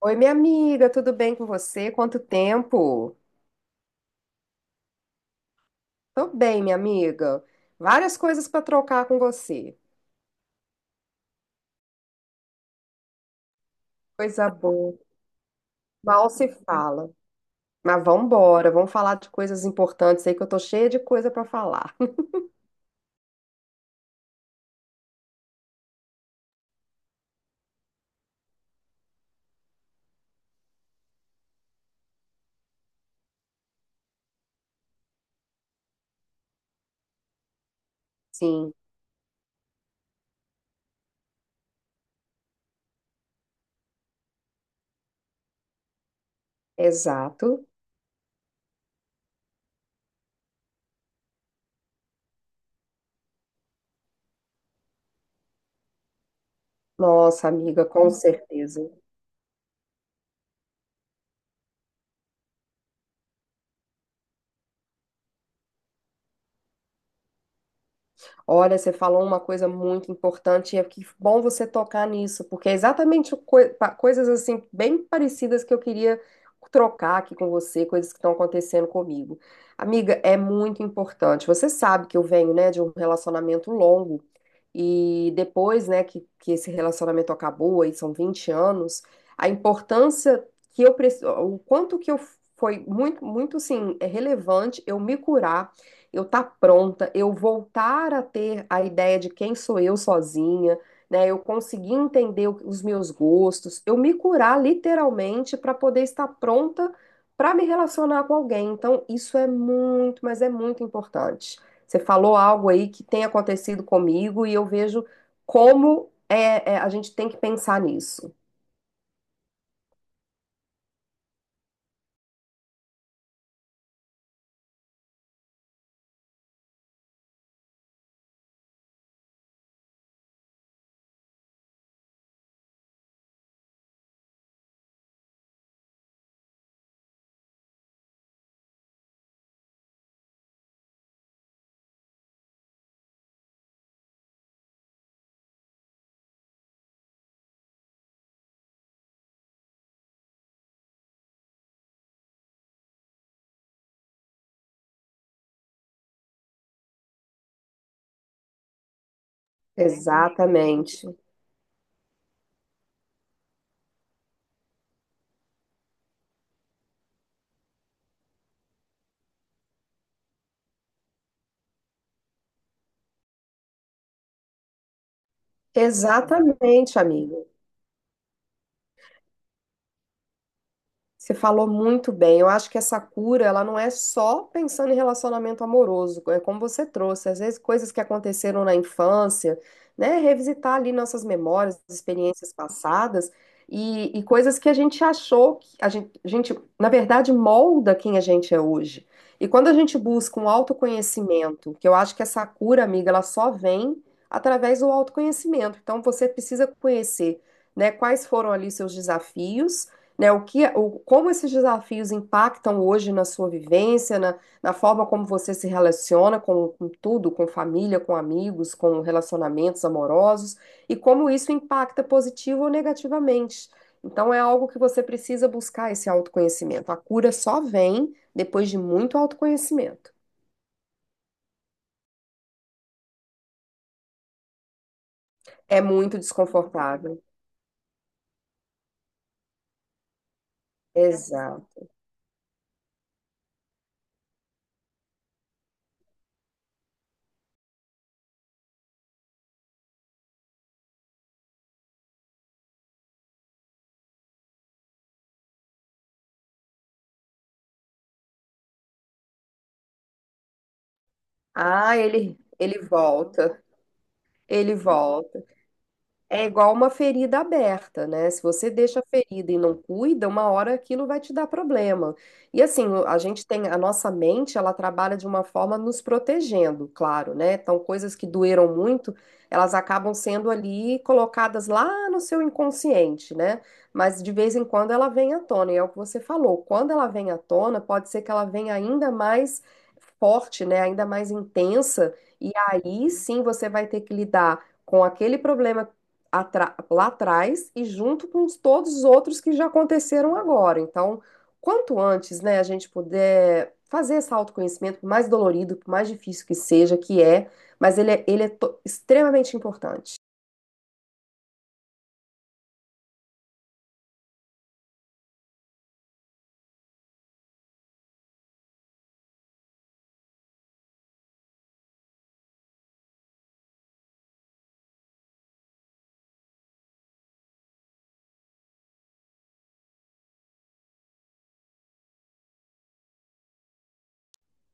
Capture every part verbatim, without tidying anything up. Oi, minha amiga, tudo bem com você? Quanto tempo? Tô bem, minha amiga. Várias coisas para trocar com você. Coisa boa. Mal se fala. Mas vamos embora, vamos falar de coisas importantes aí que eu tô cheia de coisa para falar. Sim, exato. Nossa, amiga, com certeza. Olha, você falou uma coisa muito importante, e é que bom você tocar nisso, porque é exatamente o coi- pa- coisas assim bem parecidas que eu queria trocar aqui com você, coisas que estão acontecendo comigo. Amiga, é muito importante. Você sabe que eu venho, né, de um relacionamento longo. E depois, né, que, que esse relacionamento acabou, aí são vinte anos, a importância que eu preciso, o quanto que eu foi muito, muito assim, é relevante eu me curar, eu estar pronta, eu voltar a ter a ideia de quem sou eu sozinha, né? Eu conseguir entender o- os meus gostos, eu me curar literalmente para poder estar pronta para me relacionar com alguém. Então, isso é muito, mas é muito importante. Você falou algo aí que tem acontecido comigo e eu vejo como é, é, a gente tem que pensar nisso. Exatamente. Exatamente, amigo. Você falou muito bem. Eu acho que essa cura, ela não é só pensando em relacionamento amoroso, é como você trouxe, às vezes coisas que aconteceram na infância, né? Revisitar ali nossas memórias, experiências passadas e, e coisas que a gente achou que a gente, a gente, na verdade, molda quem a gente é hoje. E quando a gente busca um autoconhecimento, que eu acho que essa cura, amiga, ela só vem através do autoconhecimento. Então você precisa conhecer, né, quais foram ali seus desafios, né, o que, o, como esses desafios impactam hoje na sua vivência, na, na forma como você se relaciona com, com tudo, com família, com amigos, com relacionamentos amorosos, e como isso impacta positivo ou negativamente. Então, é algo que você precisa buscar esse autoconhecimento. A cura só vem depois de muito autoconhecimento. É muito desconfortável. Exato. Ah, ele, ele volta. Ele volta. É igual uma ferida aberta, né? Se você deixa a ferida e não cuida, uma hora aquilo vai te dar problema. E assim, o- a gente tem, a nossa mente, ela trabalha de uma forma nos protegendo, claro, né? Então, coisas que doeram muito, elas acabam sendo ali colocadas lá no seu inconsciente, né? Mas de vez em quando ela vem à tona, e é o que você falou. Quando ela vem à tona, pode ser que ela venha ainda mais forte, né? Ainda mais intensa, e aí sim você vai ter que lidar com aquele problema atra- lá atrás e junto com os- todos os outros que já aconteceram agora. Então, quanto antes, né, a gente puder fazer esse autoconhecimento, por mais dolorido, por mais difícil que seja, que é, mas ele é, ele é to- extremamente importante.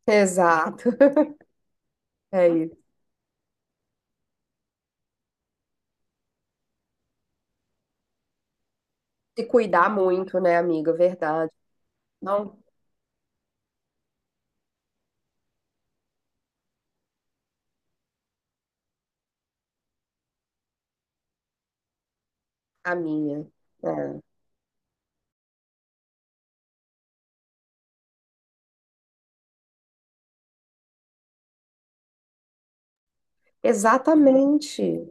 Exato, é isso. Se cuidar muito, né, amiga? Verdade. Não a minha. É. Exatamente.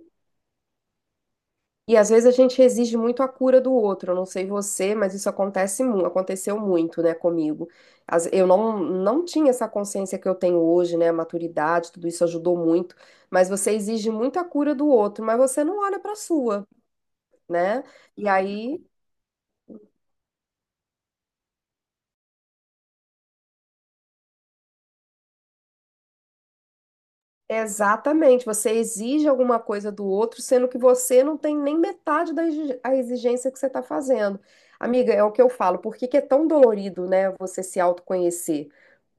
E às vezes a gente exige muito a cura do outro. Eu não sei você, mas isso acontece, mu- aconteceu muito, né, comigo. As- Eu não, não tinha essa consciência que eu tenho hoje, né, a maturidade, tudo isso ajudou muito. Mas você exige muito a cura do outro, mas você não olha para a sua, né? E aí exatamente, você exige alguma coisa do outro, sendo que você não tem nem metade da exi- a exigência que você está fazendo. Amiga, é o que eu falo, por que que é tão dolorido, né, você se autoconhecer?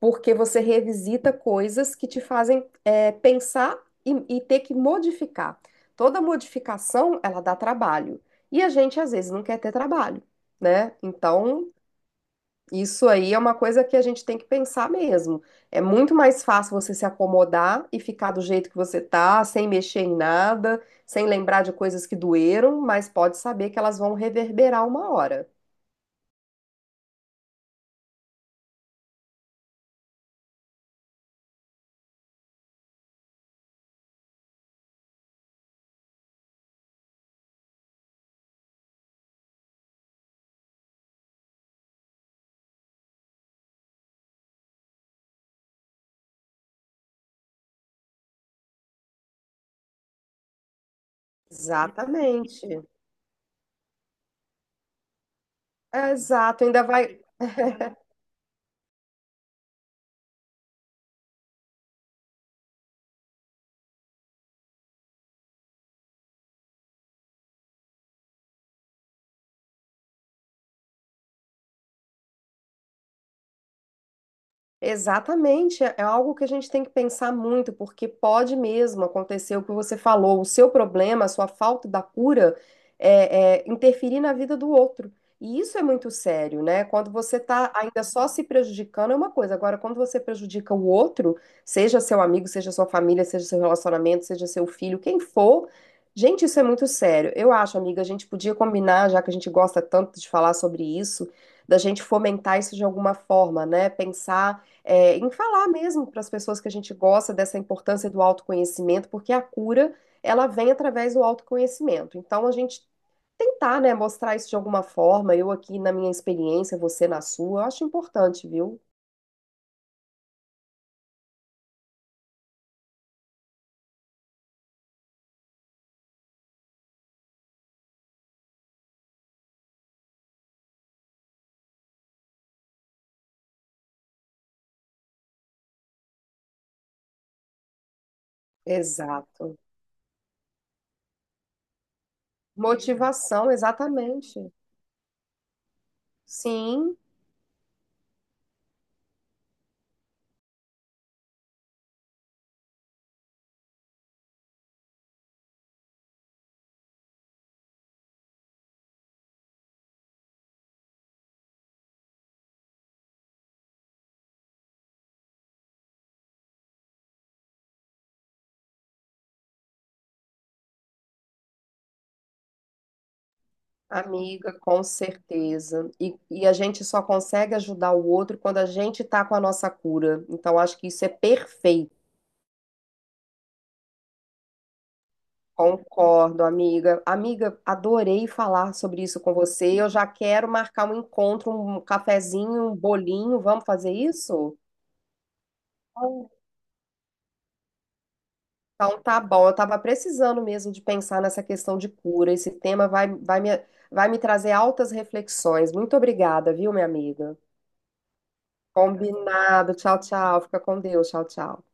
Porque você revisita coisas que te fazem é, pensar e, e ter que modificar. Toda modificação, ela dá trabalho. E a gente, às vezes, não quer ter trabalho, né? Então, isso aí é uma coisa que a gente tem que pensar mesmo. É muito mais fácil você se acomodar e ficar do jeito que você tá, sem mexer em nada, sem lembrar de coisas que doeram, mas pode saber que elas vão reverberar uma hora. Exatamente. É, exato, ainda vai, exatamente, é é algo que a gente tem que pensar muito, porque pode mesmo acontecer o que você falou, o seu problema, a sua falta da cura, é, é, interferir na vida do outro. E isso é muito sério, né? Quando você está ainda só se prejudicando é uma coisa, agora quando você prejudica o outro, seja seu amigo, seja sua família, seja seu relacionamento, seja seu filho, quem for, gente, isso é muito sério. Eu acho, amiga, a gente podia combinar, já que a gente gosta tanto de falar sobre isso, da gente fomentar isso de alguma forma, né? Pensar é, em falar mesmo para as pessoas que a gente gosta dessa importância do autoconhecimento, porque a cura ela vem através do autoconhecimento. Então a gente tentar, né, mostrar isso de alguma forma, eu aqui na minha experiência, você na sua, eu acho importante, viu? Exato. Motivação, exatamente. Sim, amiga, com certeza. E, e a gente só consegue ajudar o outro quando a gente tá com a nossa cura. Então acho que isso é perfeito. Concordo, amiga. Amiga, adorei falar sobre isso com você. Eu já quero marcar um encontro, um cafezinho, um bolinho. Vamos fazer isso? Então tá bom. Eu estava precisando mesmo de pensar nessa questão de cura. Esse tema vai, vai me, vai me trazer altas reflexões. Muito obrigada, viu, minha amiga? Combinado. Tchau, tchau. Fica com Deus. Tchau, tchau.